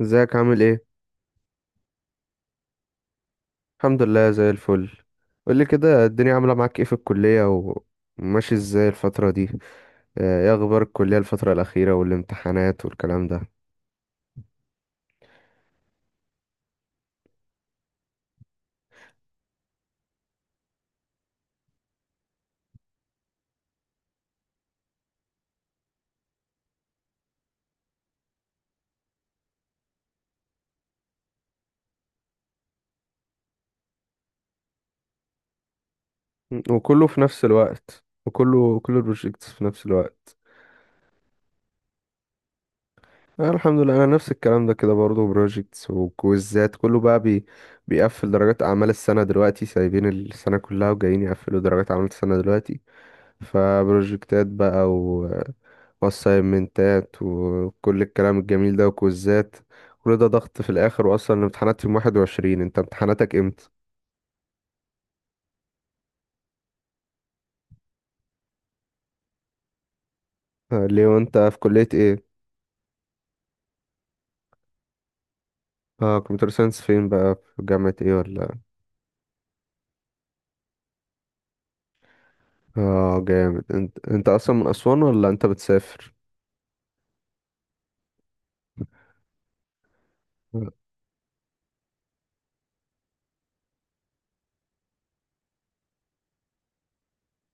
ازيك عامل ايه؟ الحمد لله زي الفل. قولي كده، الدنيا عامله معاك ايه في الكليه، وماشي ازاي الفتره دي؟ ايه اخبار الكليه الفتره الاخيره والامتحانات والكلام ده؟ وكله في نفس الوقت، كل البروجيكتس في نفس الوقت؟ الحمد لله، انا نفس الكلام ده كده برضه، بروجيكتس وكويزات، كله بقى بي بيقفل درجات اعمال السنه دلوقتي. سايبين السنه كلها وجايين يقفلوا درجات اعمال السنه دلوقتي. فبروجكتات بقى واسايمنتات وكل الكلام الجميل ده وكوزات، كل ده ضغط في الاخر. واصلا الامتحانات يوم 21. انت امتحاناتك امتى؟ ليه؟ وانت في كلية ايه؟ اه، كمبيوتر ساينس فين بقى؟ في جامعة ايه ولا؟ اه جامد. انت انت اصلا من اسوان ولا انت بتسافر؟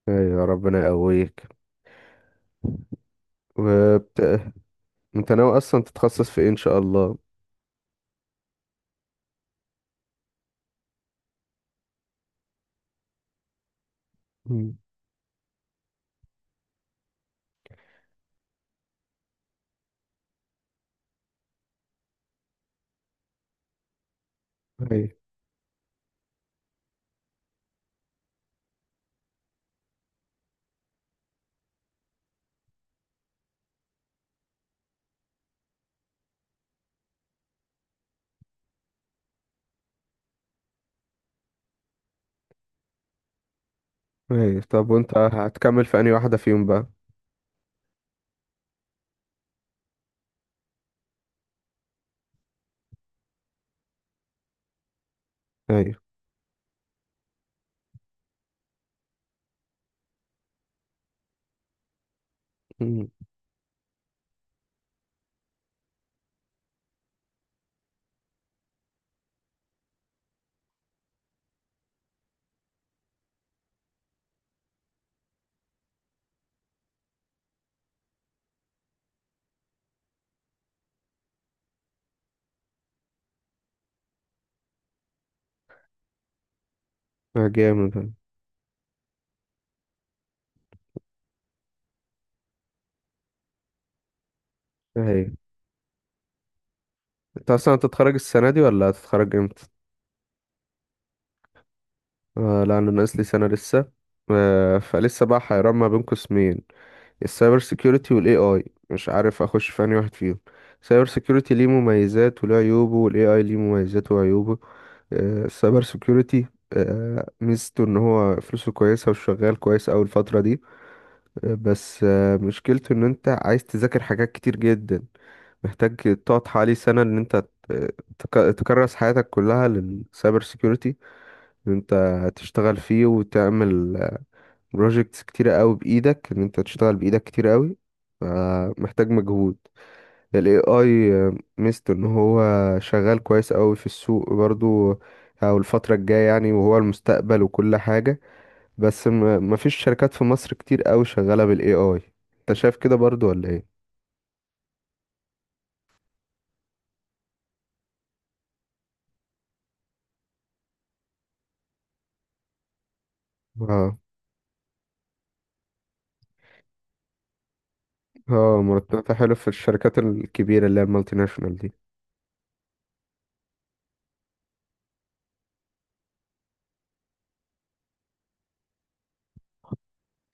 ايوه، ربنا يقويك. وبت... انت ناوي اصلا تتخصص في ايه ان شاء الله؟ مم. ايوه. ايوه طب وانت هتكمل في انهي واحدة فيهم بقى؟ ايوه. مم. جامد. ايوه، انت اصلا هتتخرج السنه دي ولا هتتخرج امتى؟ آه لا، انا ناقص لي سنه لسه. آه، فلسه بقى حيران ما بين قسمين، السايبر سيكيورتي والاي اي. مش عارف اخش في انهي واحد فيهم. السايبر سيكيورتي ليه مميزات وليه عيوبه، والاي اي ليه مميزاته وعيوبه. آه، السايبر سيكيورتي، آه، ميزته ان هو فلوسه كويسه وشغال كويس اوي الفتره دي. آه بس آه، مشكلته ان انت عايز تذاكر حاجات كتير جدا. محتاج تقعد حوالي سنه ان انت آه، تكرس حياتك كلها للسايبر سيكيورتي. ان انت هتشتغل فيه وتعمل بروجيكتس كتيرة قوي بايدك، ان انت تشتغل بايدك كتير قوي، فمحتاج مجهود. ال AI ميزته ان هو شغال كويس قوي في السوق برضو، او الفترة الجاية يعني، وهو المستقبل وكل حاجة. بس مفيش شركات في مصر كتير قوي شغالة بال AI. انت شايف كده برضو ولا ايه؟ اه. اه، مرتباتها حلو في الشركات الكبيرة اللي هي المالتي ناشونال دي.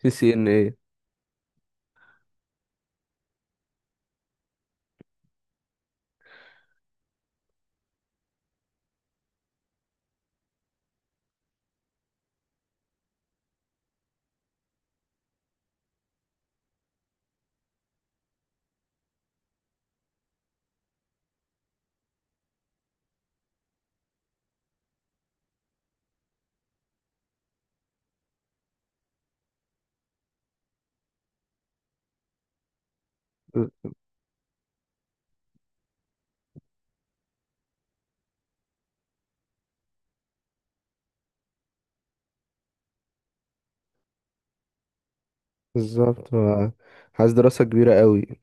سي ان ايه؟ بالظبط، آه. عايز دراسة كبيرة قوي.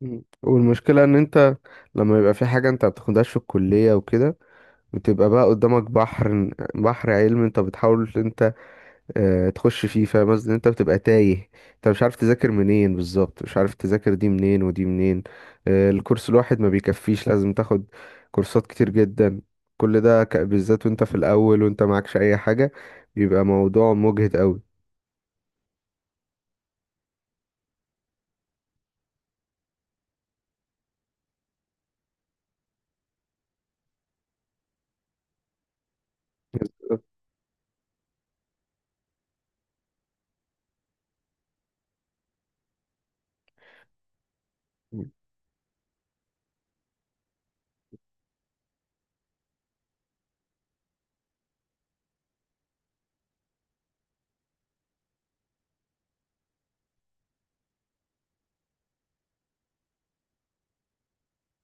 مم. والمشكلة ان انت لما يبقى في حاجة انت بتاخدهاش في الكلية وكده، بتبقى بقى قدامك بحر، بحر علم، انت بتحاول ان انت تخش فيه، فاهم قصدي؟ انت بتبقى تايه، انت مش عارف تذاكر منين بالظبط، مش عارف تذاكر دي منين ودي منين. الكورس الواحد ما بيكفيش، لازم تاخد كورسات كتير جدا. كل ده بالذات وانت في الاول وانت معكش اي حاجة، بيبقى موضوع مجهد قوي.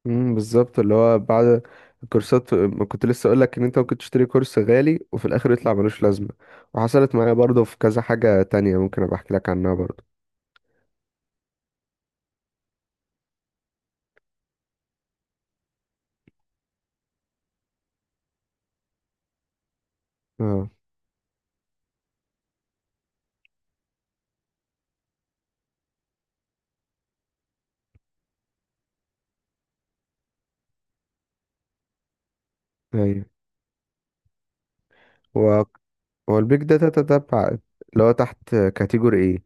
امم، بالظبط. اللي هو بعد الكورسات، ما كنت لسه اقول لك ان انت ممكن تشتري كورس غالي وفي الاخر يطلع ملوش لازمه، وحصلت معايا برضه في كذا حاجه تانية، ممكن ابقى احكي لك عنها برضه. اه. ايوه. هو هو البيج داتا تتبع، اللي هو تحت كاتيجوري ايه؟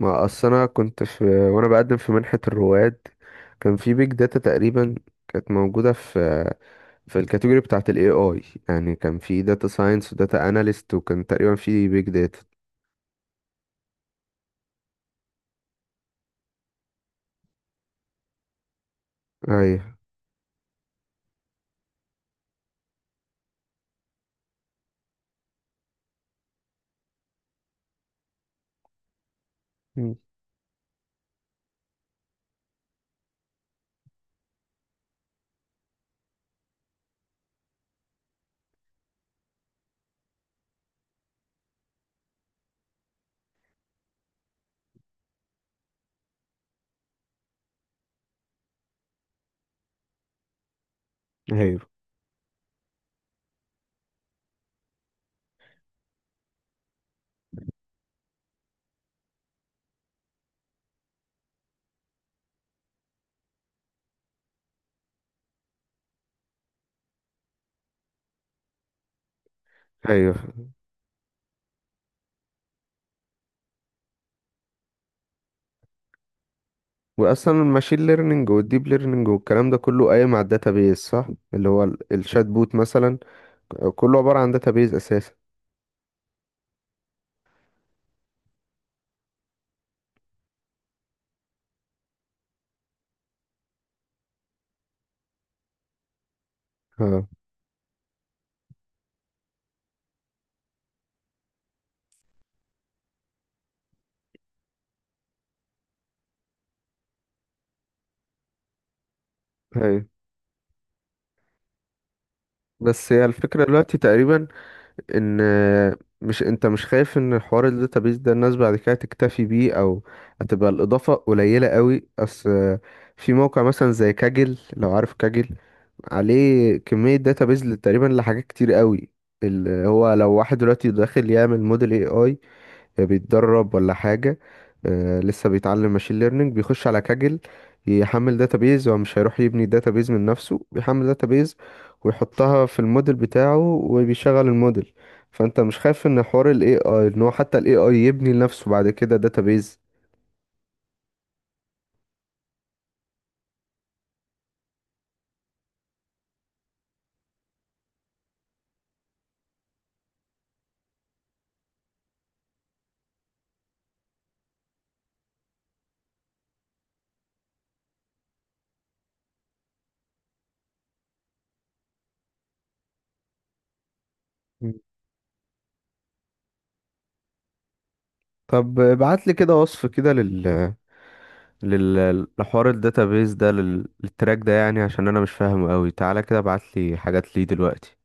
ما اصل انا كنت في، وانا بقدم في منحه الرواد، كان في بيج داتا تقريبا، كانت موجوده في في الكاتيجوري بتاعه الاي اي. يعني كان في داتا ساينس وداتا اناليست، وكان تقريبا في بيج داتا. ايوه. مم. ايوه. ايوه. واصلا الماشين ليرنينج والديب ليرنينج والكلام ده كله قايم على الداتابيز، صح؟ اللي هو الشات بوت مثلا، كله عباره عن داتابيز اساسا. اه. ايوه. بس هي الفكره دلوقتي تقريبا، ان مش انت مش خايف ان حوار الداتابيز ده الناس بعد كده تكتفي بيه، او هتبقى الاضافه قليله قوي؟ اصل في موقع مثلا زي كاجل، لو عارف كاجل، عليه كمية داتابيز تقريبا لحاجات كتير قوي. اللي هو لو واحد دلوقتي داخل يعمل موديل اي اي، بيتدرب ولا حاجة، لسه بيتعلم ماشين ليرنينج، بيخش على كاجل يحمل داتابيز، هو مش هيروح يبني داتابيز من نفسه، بيحمل داتابيز ويحطها في الموديل بتاعه وبيشغل الموديل. فانت مش خايف ان حوار الاي اي ان هو حتى الاي اي يبني لنفسه بعد كده داتابيز؟ مم. طب ابعت لي كده وصف كده لل لحوار الداتابيز ده، للتراك ده يعني، عشان انا مش فاهمه قوي. تعالى كده ابعت لي حاجات ليه دلوقتي.